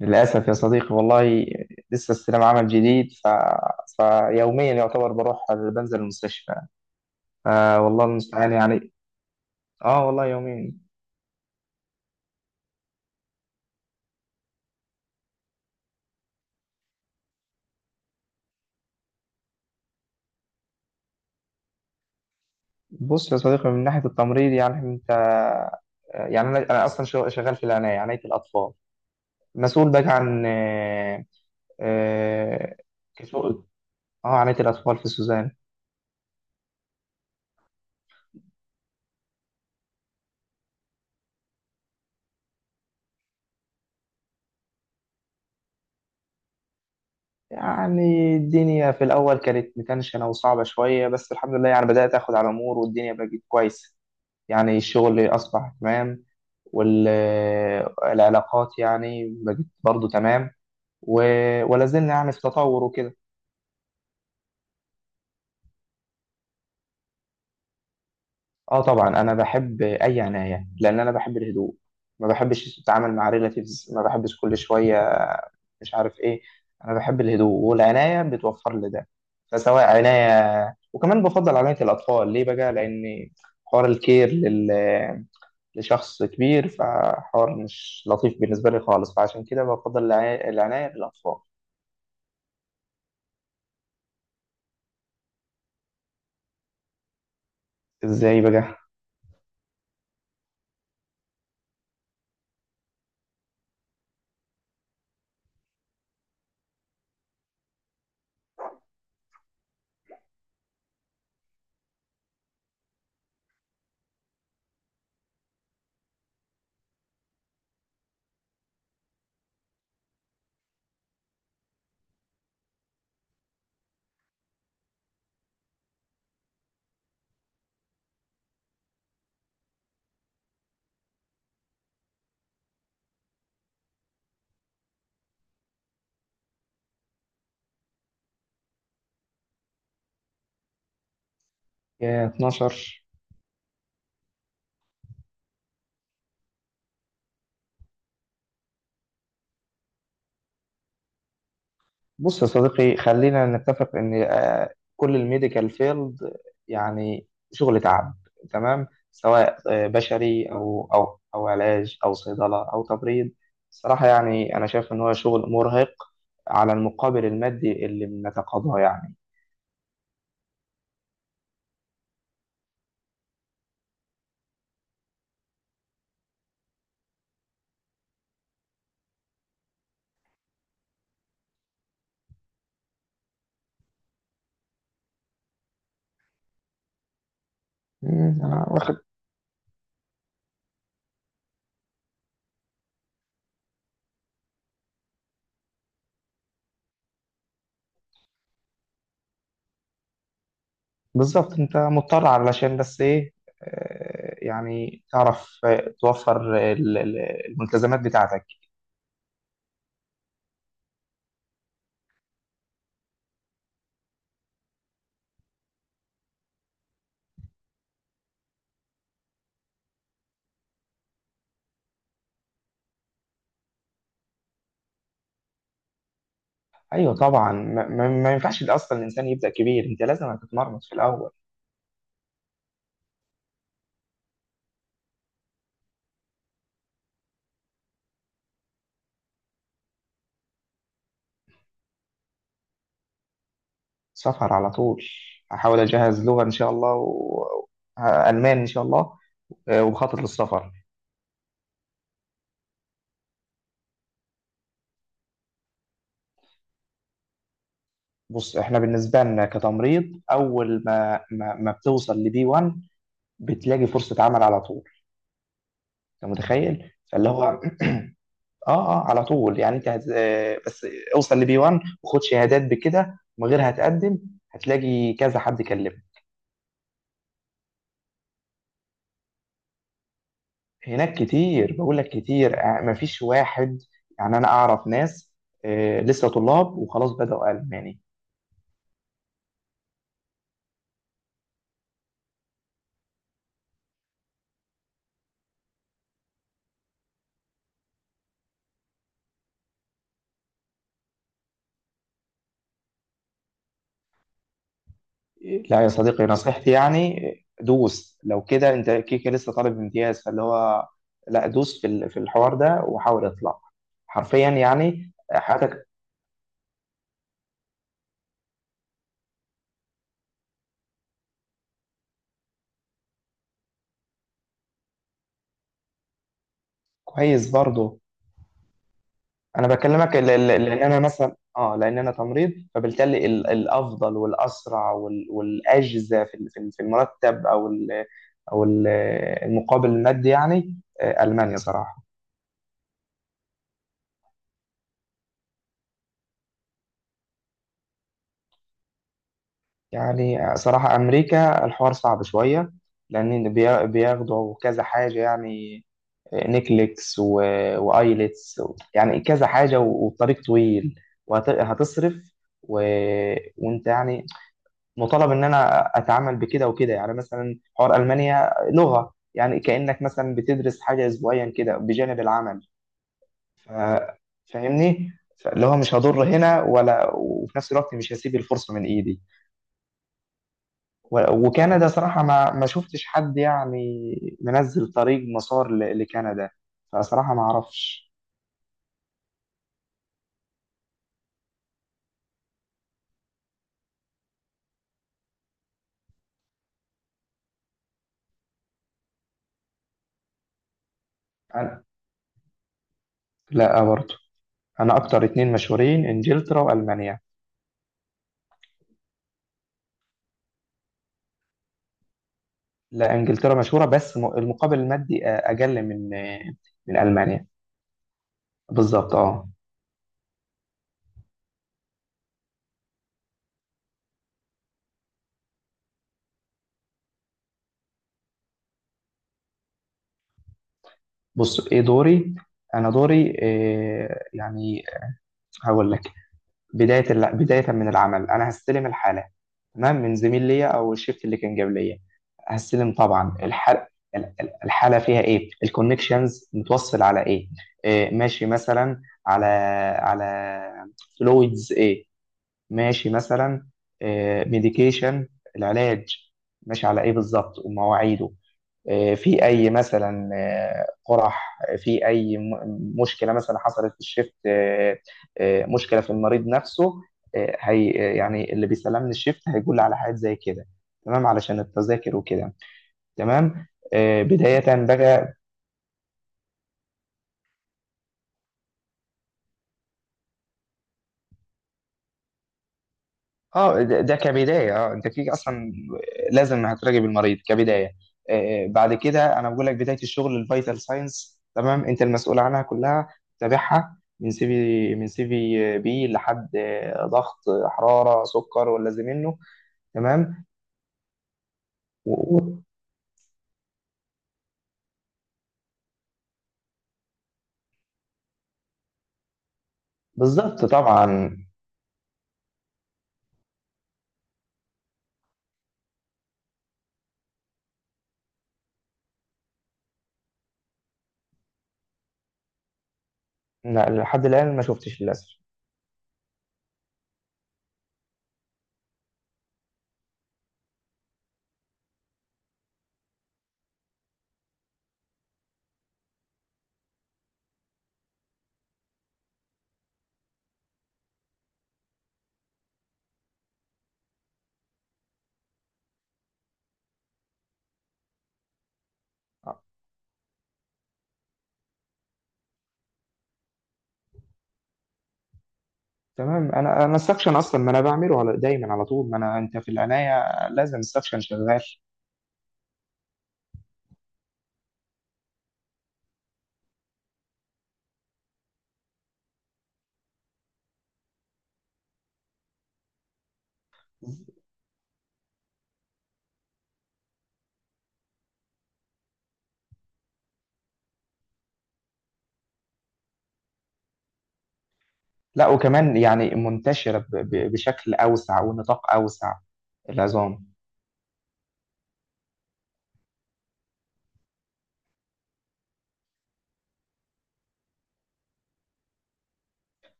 للأسف يا صديقي والله. لسه استلام عمل جديد فيوميا يعتبر بروح بنزل المستشفى. آه والله المستعان يعني. اه والله يوميا. بص يا صديقي، من ناحية التمريض يعني انت، يعني انا اصلا شغال في عناية الأطفال. مسؤول بقى عن آه كسو- عناية الأطفال في سوزان. يعني الدنيا في الأول كانت متنشنة وصعبة شوية، بس الحمد لله يعني بدأت أخد على الأمور والدنيا بقت كويسة. يعني الشغل أصبح تمام، والعلاقات يعني بقت برضو تمام، ولا زلنا يعني في تطور وكده. اه طبعا انا بحب اي عناية لان انا بحب الهدوء. ما بحبش التعامل مع ريلاتيفز، ما بحبش كل شوية مش عارف ايه. انا بحب الهدوء والعناية بتوفر لي ده. فسواء عناية، وكمان بفضل عناية الاطفال ليه بقى؟ لان حوار الكير لشخص كبير فحوار مش لطيف بالنسبة لي خالص. فعشان كده بفضل العناية بالأطفال. ازاي بقى؟ يا 12! بص يا صديقي، خلينا نتفق ان كل الميديكال فيلد يعني شغل تعب. تمام، سواء بشري او علاج او صيدله او تبريد. صراحه يعني انا شايف ان هو شغل مرهق على المقابل المادي اللي بنتقاضاه يعني. أنا واخد. بالظبط، انت مضطر علشان بس ايه؟ يعني تعرف، توفر الملتزمات بتاعتك. ايوه طبعا، ما ينفعش اصلا الانسان يبدا كبير، انت لازم هتتمرمط في الاول. سفر على طول. هحاول اجهز لغه ان شاء الله المان ان شاء الله. وخطط للسفر. بص، احنا بالنسبه لنا كتمريض اول ما بتوصل لبي 1، بتلاقي فرصه عمل على طول. انت متخيل؟ فاللي هو اه، اه على طول. يعني انت هت... آه، بس اوصل لبي 1 وخد شهادات، بكده من غير هتقدم هتلاقي كذا حد كلمك. هناك كتير، بقول لك كتير، مفيش واحد. يعني انا اعرف ناس لسه طلاب وخلاص بدأوا الماني. لا يا صديقي، نصيحتي يعني، دوس. لو كده انت كيكه لسه طالب امتياز، فاللي هو لا، دوس في الحوار ده وحاول اطلع، حرفيا يعني حياتك. كويس برضه. انا بكلمك لان انا مثلا لان انا تمريض، فبالتالي الافضل والاسرع والاجزى في المرتب او ال- المقابل المادي يعني. المانيا صراحه. يعني صراحه امريكا الحوار صعب شويه، لان بياخدوا كذا حاجه يعني. نيكليكس وايلتس، يعني كذا حاجه، والطريق طويل وهتصرف و... وانت يعني مطالب ان انا اتعامل بكده وكده. يعني مثلا حوار المانيا لغه، يعني كانك مثلا بتدرس حاجه اسبوعيا كده بجانب العمل. ف- فاهمني؟ اللي هو مش هضر هنا، وفي نفس الوقت مش هسيب الفرصة من ايدي. وكندا صراحة ما شفتش حد يعني منزل طريق مسار لكندا. فصراحة ما اعرفش. أنا لا برضه. انا اكتر اتنين مشهورين انجلترا والمانيا. لا، انجلترا مشهورة بس المقابل المادي اقل من المانيا. بالظبط اه. بص، ايه دوري؟ انا دوري إيه يعني؟ هقول لك. بداية من العمل، أنا هستلم الحالة، تمام، من زميل ليا أو الشيفت اللي كان جاب ليا. هستلم طبعا الحالة. الحالة فيها إيه؟ الكونكشنز متوصل على إيه؟ ماشي مثلا على فلويدز إيه؟ ماشي مثلا ميديكيشن، العلاج ماشي على إيه بالظبط ومواعيده. في اي مثلا قرح، في اي مشكله مثلا حصلت في الشيفت، مشكله في المريض نفسه. آه، هي آه، يعني اللي بيسلمني الشيفت هيقول لي على حاجات زي كده، تمام، علشان التذاكر وكده. تمام. بدايه بقى. اه، ده كبدايه، انت كده اصلا لازم هتراجع بالمريض كبدايه. بعد كده انا بقول لك بدايه الشغل الفيتال ساينس. تمام، انت المسؤول عنها كلها، تتابعها من سي في بي لحد ضغط، حراره، سكر ولا زي منه. تمام و- و- بالظبط طبعا. لا لحد الان ما شفتش للاسف. آه، تمام. انا السكشن اصلا ما انا بعمله على دايما على طول، ما انا انت في العنايه لازم السكشن شغال. لا، وكمان يعني منتشرة بشكل أوسع ونطاق أوسع، العظام.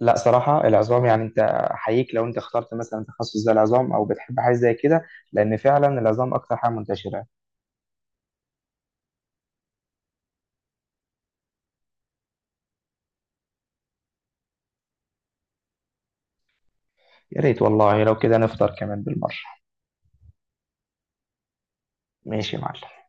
لا، صراحة العظام، يعني أنت أحييك لو أنت اخترت مثلا تخصص زي العظام أو بتحب حاجة زي كده، لأن فعلا العظام أكتر حاجة منتشرة. يا ريت والله لو كده نفطر كمان بالمرة. ماشي يا معلم.